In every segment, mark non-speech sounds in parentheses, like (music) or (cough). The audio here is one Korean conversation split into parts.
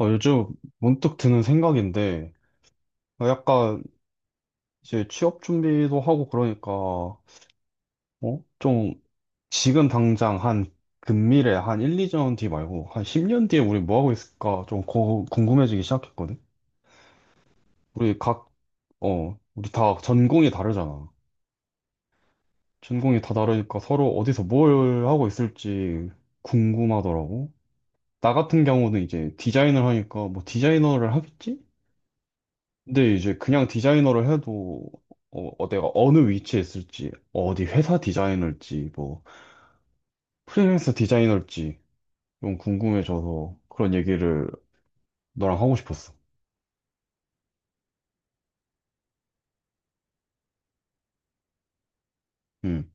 요즘 문득 드는 생각인데, 약간 이제 취업 준비도 하고 그러니까, 어? 좀 지금 당장 한 금미래 한 1, 2년 뒤 말고 한 10년 뒤에 우리 뭐 하고 있을까 좀 궁금해지기 시작했거든? 우리 각, 우리 다 전공이 다르잖아. 전공이 다 다르니까 서로 어디서 뭘 하고 있을지 궁금하더라고. 나 같은 경우는 이제 디자인을 하니까 뭐 디자이너를 하겠지? 근데 이제 그냥 디자이너를 해도 내가 어느 위치에 있을지, 어디 회사 디자이너일지, 뭐 프리랜서 디자이너일지 좀 궁금해져서 그런 얘기를 너랑 하고 싶었어. 응,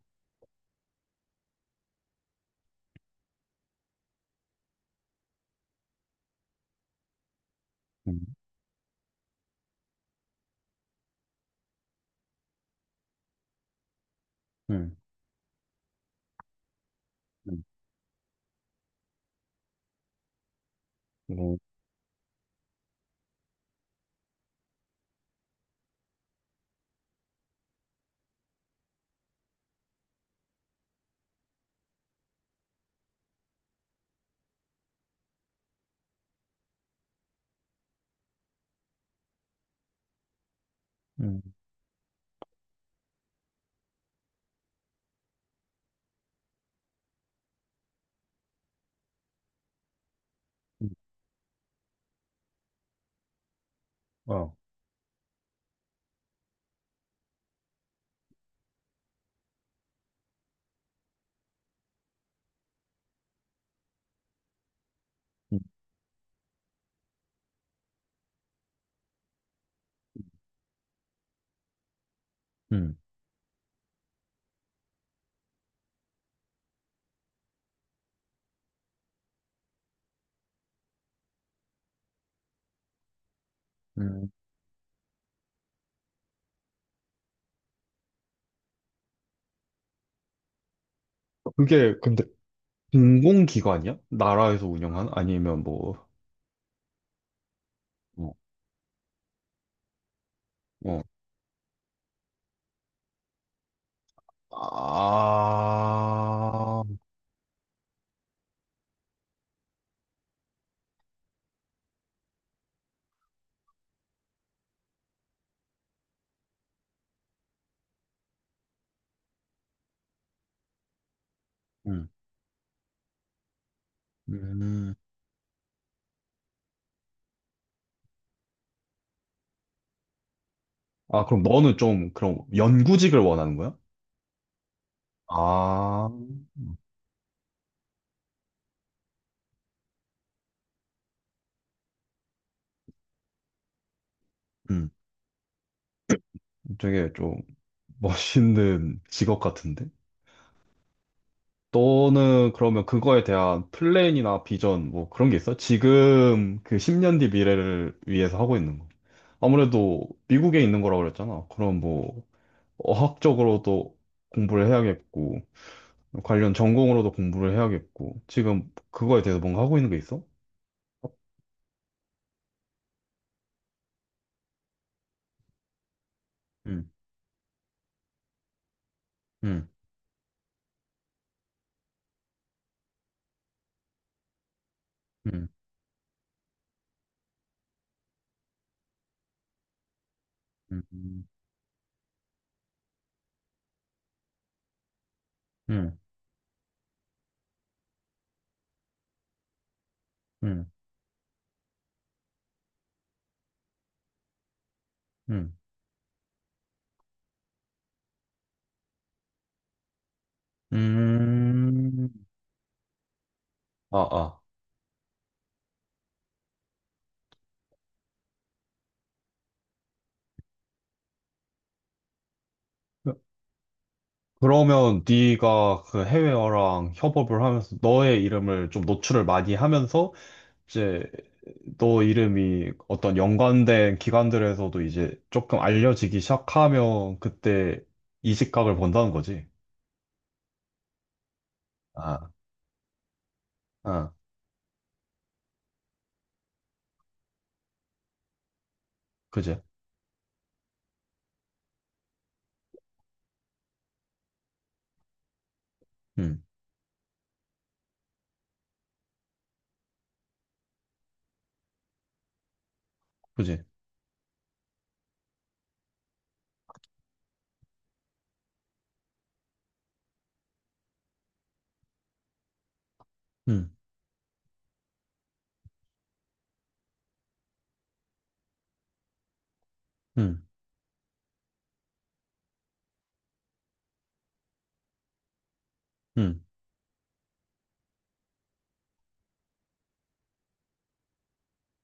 응, 응, 응, 뭐, 응, 어, 응, 응. 응. 그게 근데 공공기관이야? 나라에서 운영한? 아니면 뭐, 어, 어. 아, 응, 음. 아, 그럼 너는 좀 그럼 연구직을 원하는 거야? 아. 음, 되게 좀 멋있는 (laughs) 직업 같은데? 너는 그러면 그거에 대한 플랜이나 비전 뭐 그런 게 있어? 지금 그 10년 뒤 미래를 위해서 하고 있는 거. 아무래도 미국에 있는 거라고 그랬잖아. 그럼 뭐 어학적으로도 공부를 해야겠고 관련 전공으로도 공부를 해야겠고 지금 그거에 대해서 뭔가 하고 있는 게 있어? 음, 음, 음, 음, 음, 음, 음, 음. 음. 아, 아. 그러면 네가 그 해외어랑 협업을 하면서 너의 이름을 좀 노출을 많이 하면서 이제 너 이름이 어떤 연관된 기관들에서도 이제 조금 알려지기 시작하면 그때 이직각을 본다는 거지. 아, 아, 그지? 응, 그지? 응, 응, 응,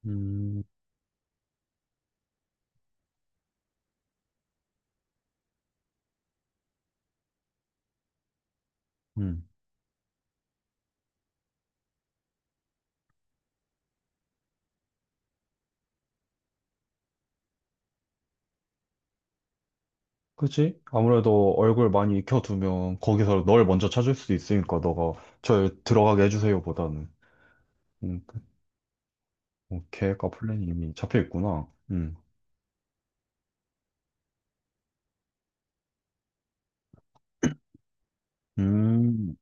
음, 응. 그지? 아무래도 얼굴 많이 익혀두면 거기서 널 먼저 찾을 수도 있으니까 너가 저 들어가게 해주세요 보다는. 음. 계획과 플랜이 이미 잡혀 있구나. 음. 음.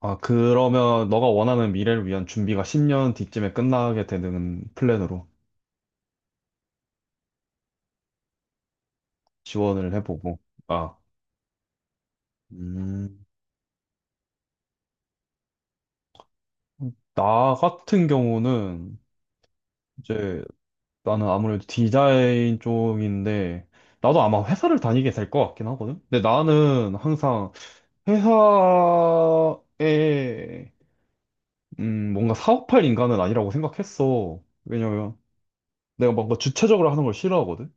아, 그러면 너가 원하는 미래를 위한 준비가 10년 뒤쯤에 끝나게 되는 플랜으로 지원을 해보고. 아. 음. 나 같은 경우는 이제 나는 아무래도 디자인 쪽인데 나도 아마 회사를 다니게 될 것 같긴 하거든. 근데 나는 항상 회사에 뭔가 사업할 인간은 아니라고 생각했어. 왜냐면 내가 뭔가 주체적으로 하는 걸 싫어하거든?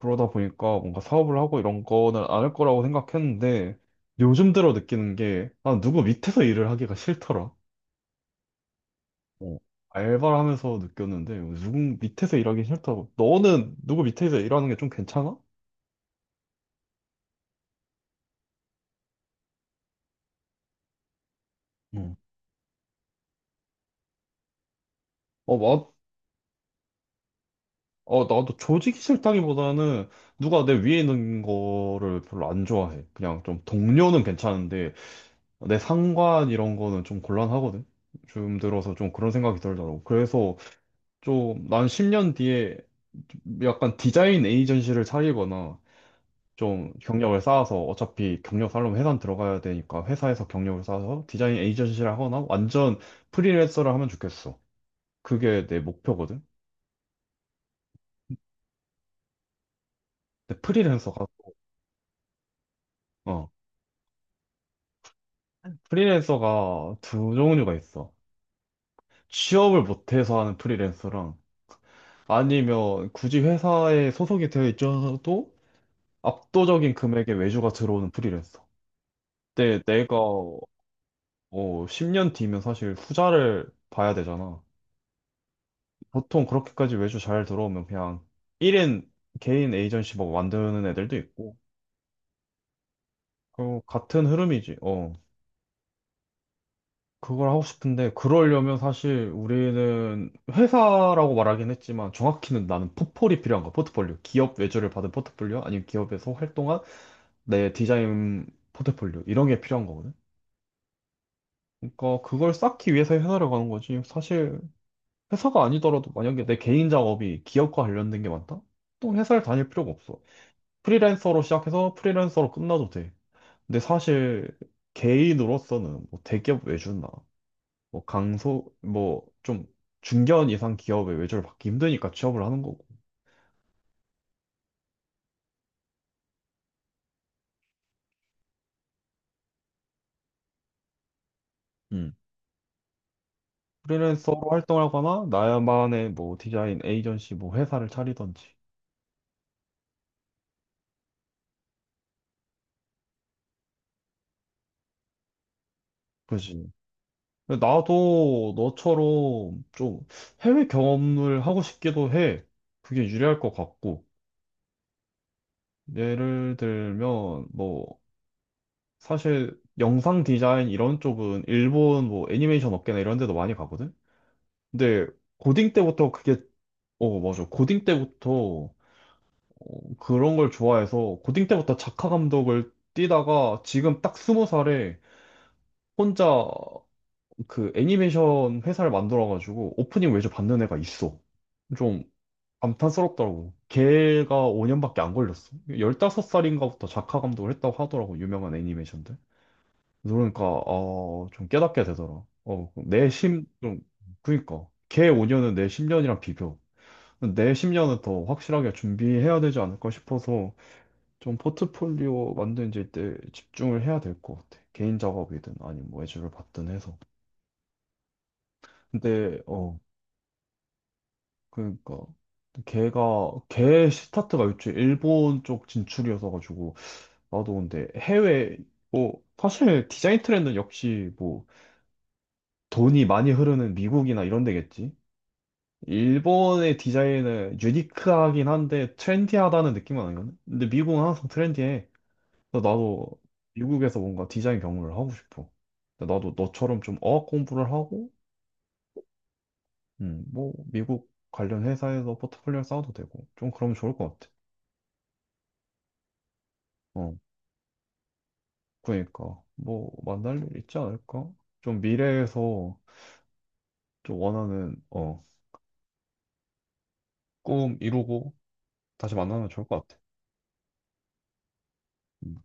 그러다 보니까 뭔가 사업을 하고 이런 거는 안 할 거라고 생각했는데 요즘 들어 느끼는 게 아, 누구 밑에서 일을 하기가 싫더라. 어. 알바를 하면서 느꼈는데 누구 밑에서 일하기 싫다고. 너는 누구 밑에서 일하는 게 좀 괜찮아? 응. 어, 마, 나도 조직이 싫다기보다는 누가 내 위에 있는 거를 별로 안 좋아해. 그냥 좀 동료는 괜찮은데 내 상관 이런 거는 좀 곤란하거든. 요즘 들어서 좀 그런 생각이 들더라고. 그래서 좀 난 10년 뒤에 약간 디자인 에이전시를 차리거나 좀 경력을 쌓아서 어차피 경력 살려면 회사 들어가야 되니까 회사에서 경력을 쌓아서 디자인 에이전시를 하거나 완전 프리랜서를 하면 좋겠어. 그게 내 목표거든. 근데 어 프리랜서가 두 종류가 있어. 취업을 못해서 하는 프리랜서랑 아니면 굳이 회사에 소속이 되어 있어도 압도적인 금액의 외주가 들어오는 프리랜서. 근데 내가 10년 뒤면 사실 투자를 봐야 되잖아. 보통 그렇게까지 외주 잘 들어오면 그냥 1인 개인 에이전시 막 만드는 애들도 있고. 그 같은 흐름이지. 어. 그걸 하고 싶은데 그러려면 사실 우리는 회사라고 말하긴 했지만 정확히는 나는 포폴이 필요한 거야. 포트폴리오. 기업 외주를 받은 포트폴리오 아니면 기업에서 활동한 내 디자인 포트폴리오 이런 게 필요한 거거든. 그러니까 그걸 쌓기 위해서 회사를 가는 거지. 사실 회사가 아니더라도 만약에 내 개인 작업이 기업과 관련된 게 많다? 또 회사를 다닐 필요가 없어. 프리랜서로 시작해서 프리랜서로 끝나도 돼. 근데 사실 개인으로서는 뭐 대기업 외주나 뭐 강소 뭐 좀 중견 이상 기업의 외주를 받기 힘드니까 취업을 하는 거고. 음. 프리랜서로 활동하거나 나만의 뭐 디자인 에이전시 뭐 회사를 차리던지. 그지. 근데 나도 너처럼 좀 해외 경험을 하고 싶기도 해. 그게 유리할 것 같고. 예를 들면 뭐 사실 영상 디자인 이런 쪽은 일본 뭐 애니메이션 업계나 이런 데도 많이 가거든. 근데 고딩 때부터 그게 어, 맞아. 고딩 때부터 그런 걸 좋아해서 고딩 때부터 작화 감독을 뛰다가 지금 딱 스무 살에 혼자 그 애니메이션 회사를 만들어가지고 오프닝 외주 받는 애가 있어. 좀 감탄스럽더라고. 걔가 5년밖에 안 걸렸어. 15살인가부터 작화 감독을 했다고 하더라고, 유명한 애니메이션들. 그러니까 좀 깨닫게 되더라. 좀, 그니까 걔 5년은 내 10년이랑 비교. 내 10년은 더 확실하게 준비해야 되지 않을까 싶어서 좀 포트폴리오 만드는 때 집중을 해야 될 것 같아. 개인 작업이든 아니면 뭐 외주를 받든 해서. 근데 그러니까 걔가 걔 스타트가 요즘 일본 쪽 진출이어서 가지고 나도 근데 해외 뭐 사실 디자인 트렌드는 역시 뭐 돈이 많이 흐르는 미국이나 이런 데겠지. 일본의 디자인은 유니크하긴 한데 트렌디하다는 느낌은 아니거든? 근데 미국은 항상 트렌디해. 그래서 나도 미국에서 뭔가 디자인 경험을 하고 싶어. 근데 나도 너처럼 좀 어학 공부를 하고, 뭐 미국 관련 회사에서 포트폴리오 쌓아도 되고, 좀 그러면 좋을 것 같아. 어, 그러니까 뭐 만날 일 있지 않을까? 좀 미래에서 좀 원하는 꿈 이루고 다시 만나면 좋을 것 같아. 음.